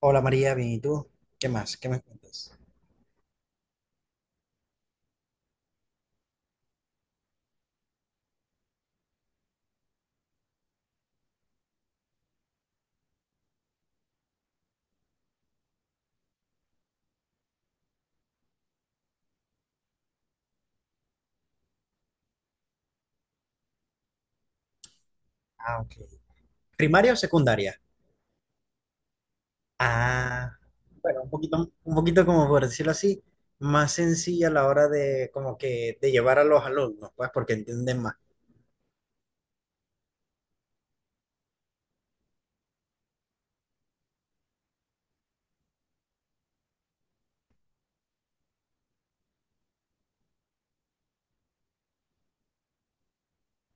Hola María, bien, ¿y tú? ¿Qué más? ¿Qué me cuentas? Ah, ok. ¿Primaria o secundaria? Ah, bueno, un poquito como por decirlo así, más sencilla a la hora de como que de llevar a los alumnos, pues porque entienden más.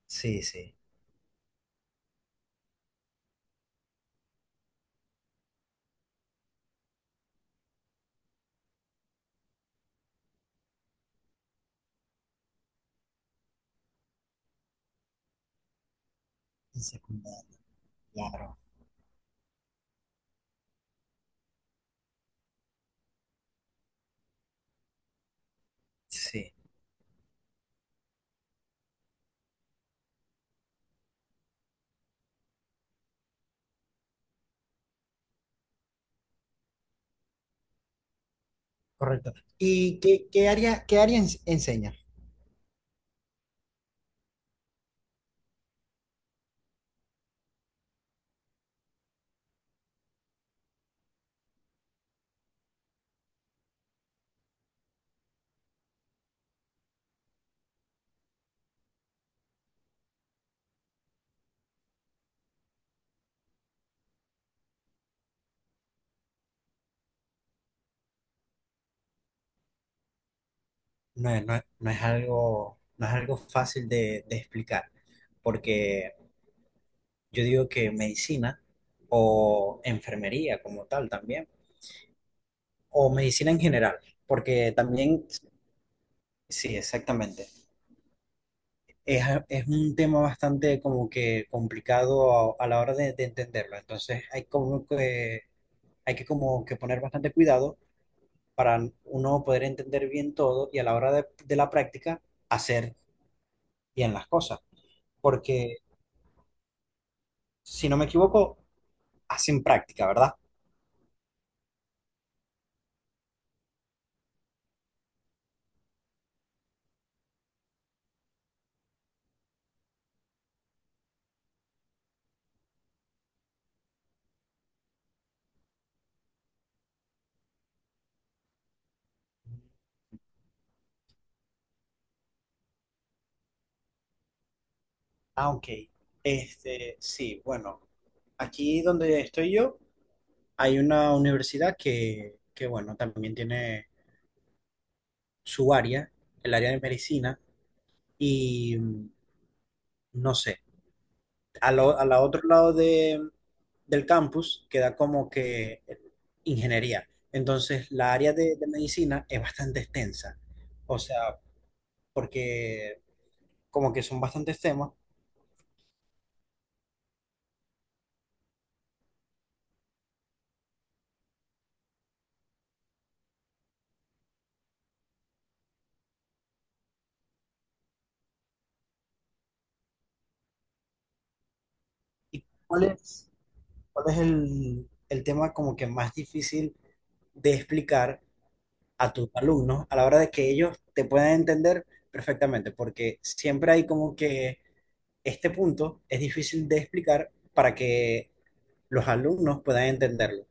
Sí, sí. En secundaria, claro. Sí, correcto. ¿Y qué, qué área enseña? No, no, es no es algo, no es algo fácil de explicar, porque yo digo que medicina o enfermería como tal también. O medicina en general, porque también, sí, exactamente. Es, es un tema bastante como que complicado a la hora de entenderlo. Entonces hay como que, hay que como que poner bastante cuidado para uno poder entender bien todo y a la hora de la práctica hacer bien las cosas. Porque si no me equivoco, hacen práctica, ¿verdad? Ah, ok. Este, sí, bueno, aquí donde estoy yo hay una universidad que bueno, también tiene su área, el área de medicina, y mm, no sé, a la otro lado de, del campus queda como que ingeniería. Entonces, la área de medicina es bastante extensa, o sea, porque como que son bastantes temas. ¿Y cuál es el tema como que más difícil de explicar a tus alumnos a la hora de que ellos te puedan entender perfectamente? Porque siempre hay como que este punto es difícil de explicar para que los alumnos puedan entenderlo.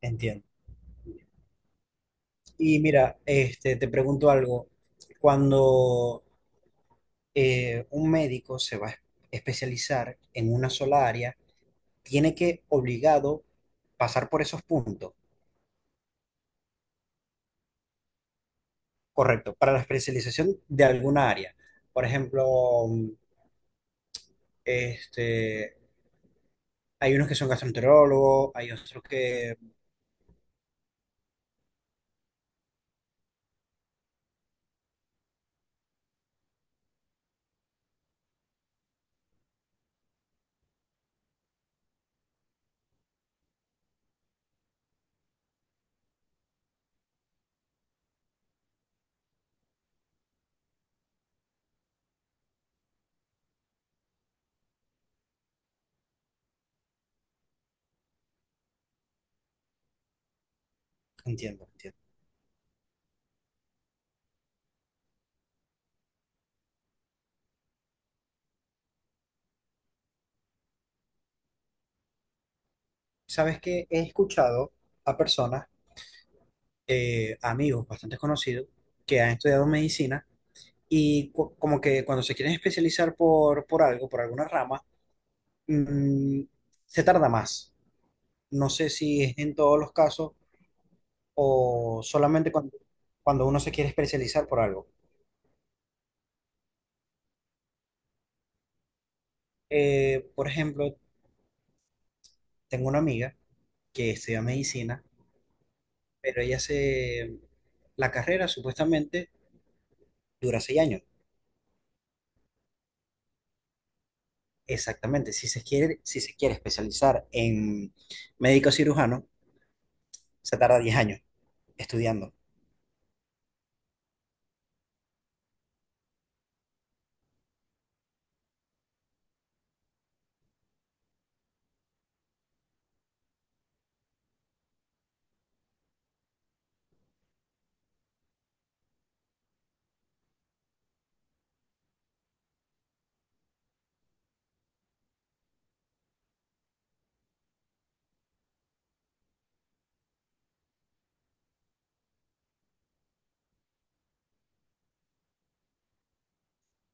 Entiendo. Y mira, este, te pregunto algo. Cuando un médico se va a especializar en una sola área, tiene que obligado pasar por esos puntos, correcto, para la especialización de alguna área. Por ejemplo, este, hay unos que son gastroenterólogos, hay otros que... Entiendo, entiendo. ¿Sabes que he escuchado a personas amigos bastante conocidos que han estudiado medicina y como que cuando se quieren especializar por algo, por alguna rama, mm, se tarda más. No sé si es en todos los casos o solamente cuando, cuando uno se quiere especializar por algo. Por ejemplo, tengo una amiga que estudia medicina, pero ella se... La carrera supuestamente dura 6 años. Exactamente. Si se quiere, si se quiere especializar en médico cirujano, se tarda 10 años estudiando.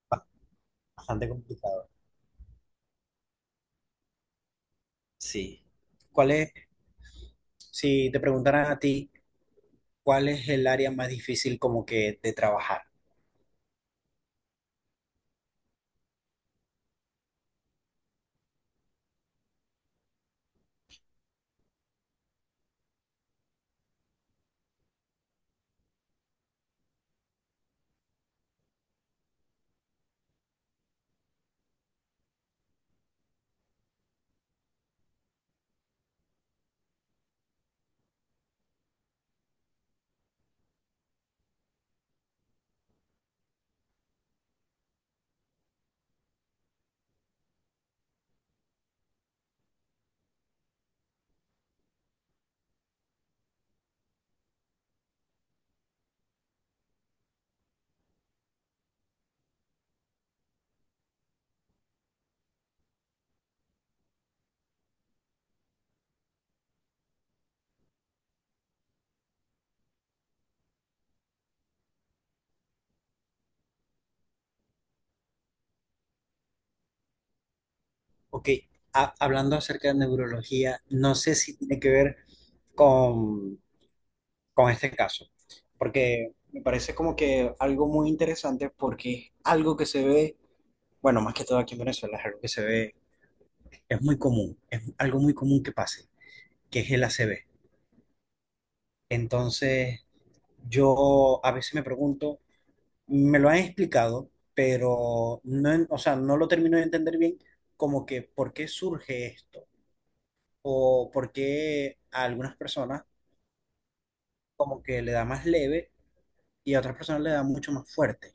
Ba- Bastante complicado. Sí. ¿Cuál es, si te preguntaran a ti, cuál es el área más difícil como que de trabajar? Ok, hablando acerca de neurología, no sé si tiene que ver con, con este caso, porque me parece como que algo muy interesante porque es algo que se ve, bueno, más que todo aquí en Venezuela, es algo que se ve, es muy común, es algo muy común que pase, que es el ACV. Entonces, yo a veces me pregunto, me lo han explicado, pero no, o sea, no lo termino de entender bien, como que por qué surge esto, o por qué a algunas personas como que le da más leve y a otras personas le da mucho más fuerte.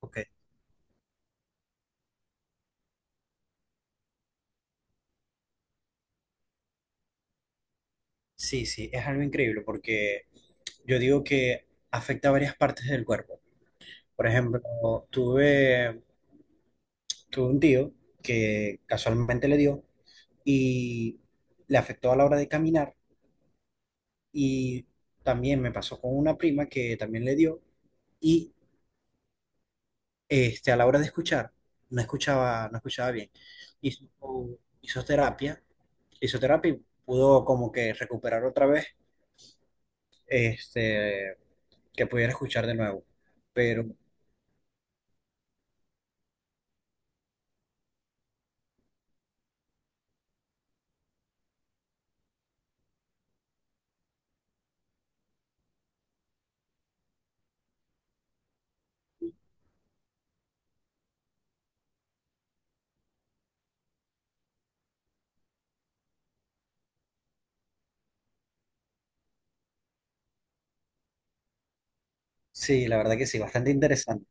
Ok. Sí, sí, es algo increíble porque yo digo que afecta a varias partes del cuerpo. Por ejemplo, tuve, tuve un tío que casualmente le dio y le afectó a la hora de caminar y también me pasó con una prima que también le dio y este, a la hora de escuchar no escuchaba bien. Hizo, hizo terapia, hizo terapia y pudo como que recuperar otra vez este, que pudiera escuchar de nuevo. Pero sí, la verdad que sí, bastante interesante.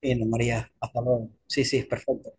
Bueno, María, hasta luego. Sí, sí, es perfecto.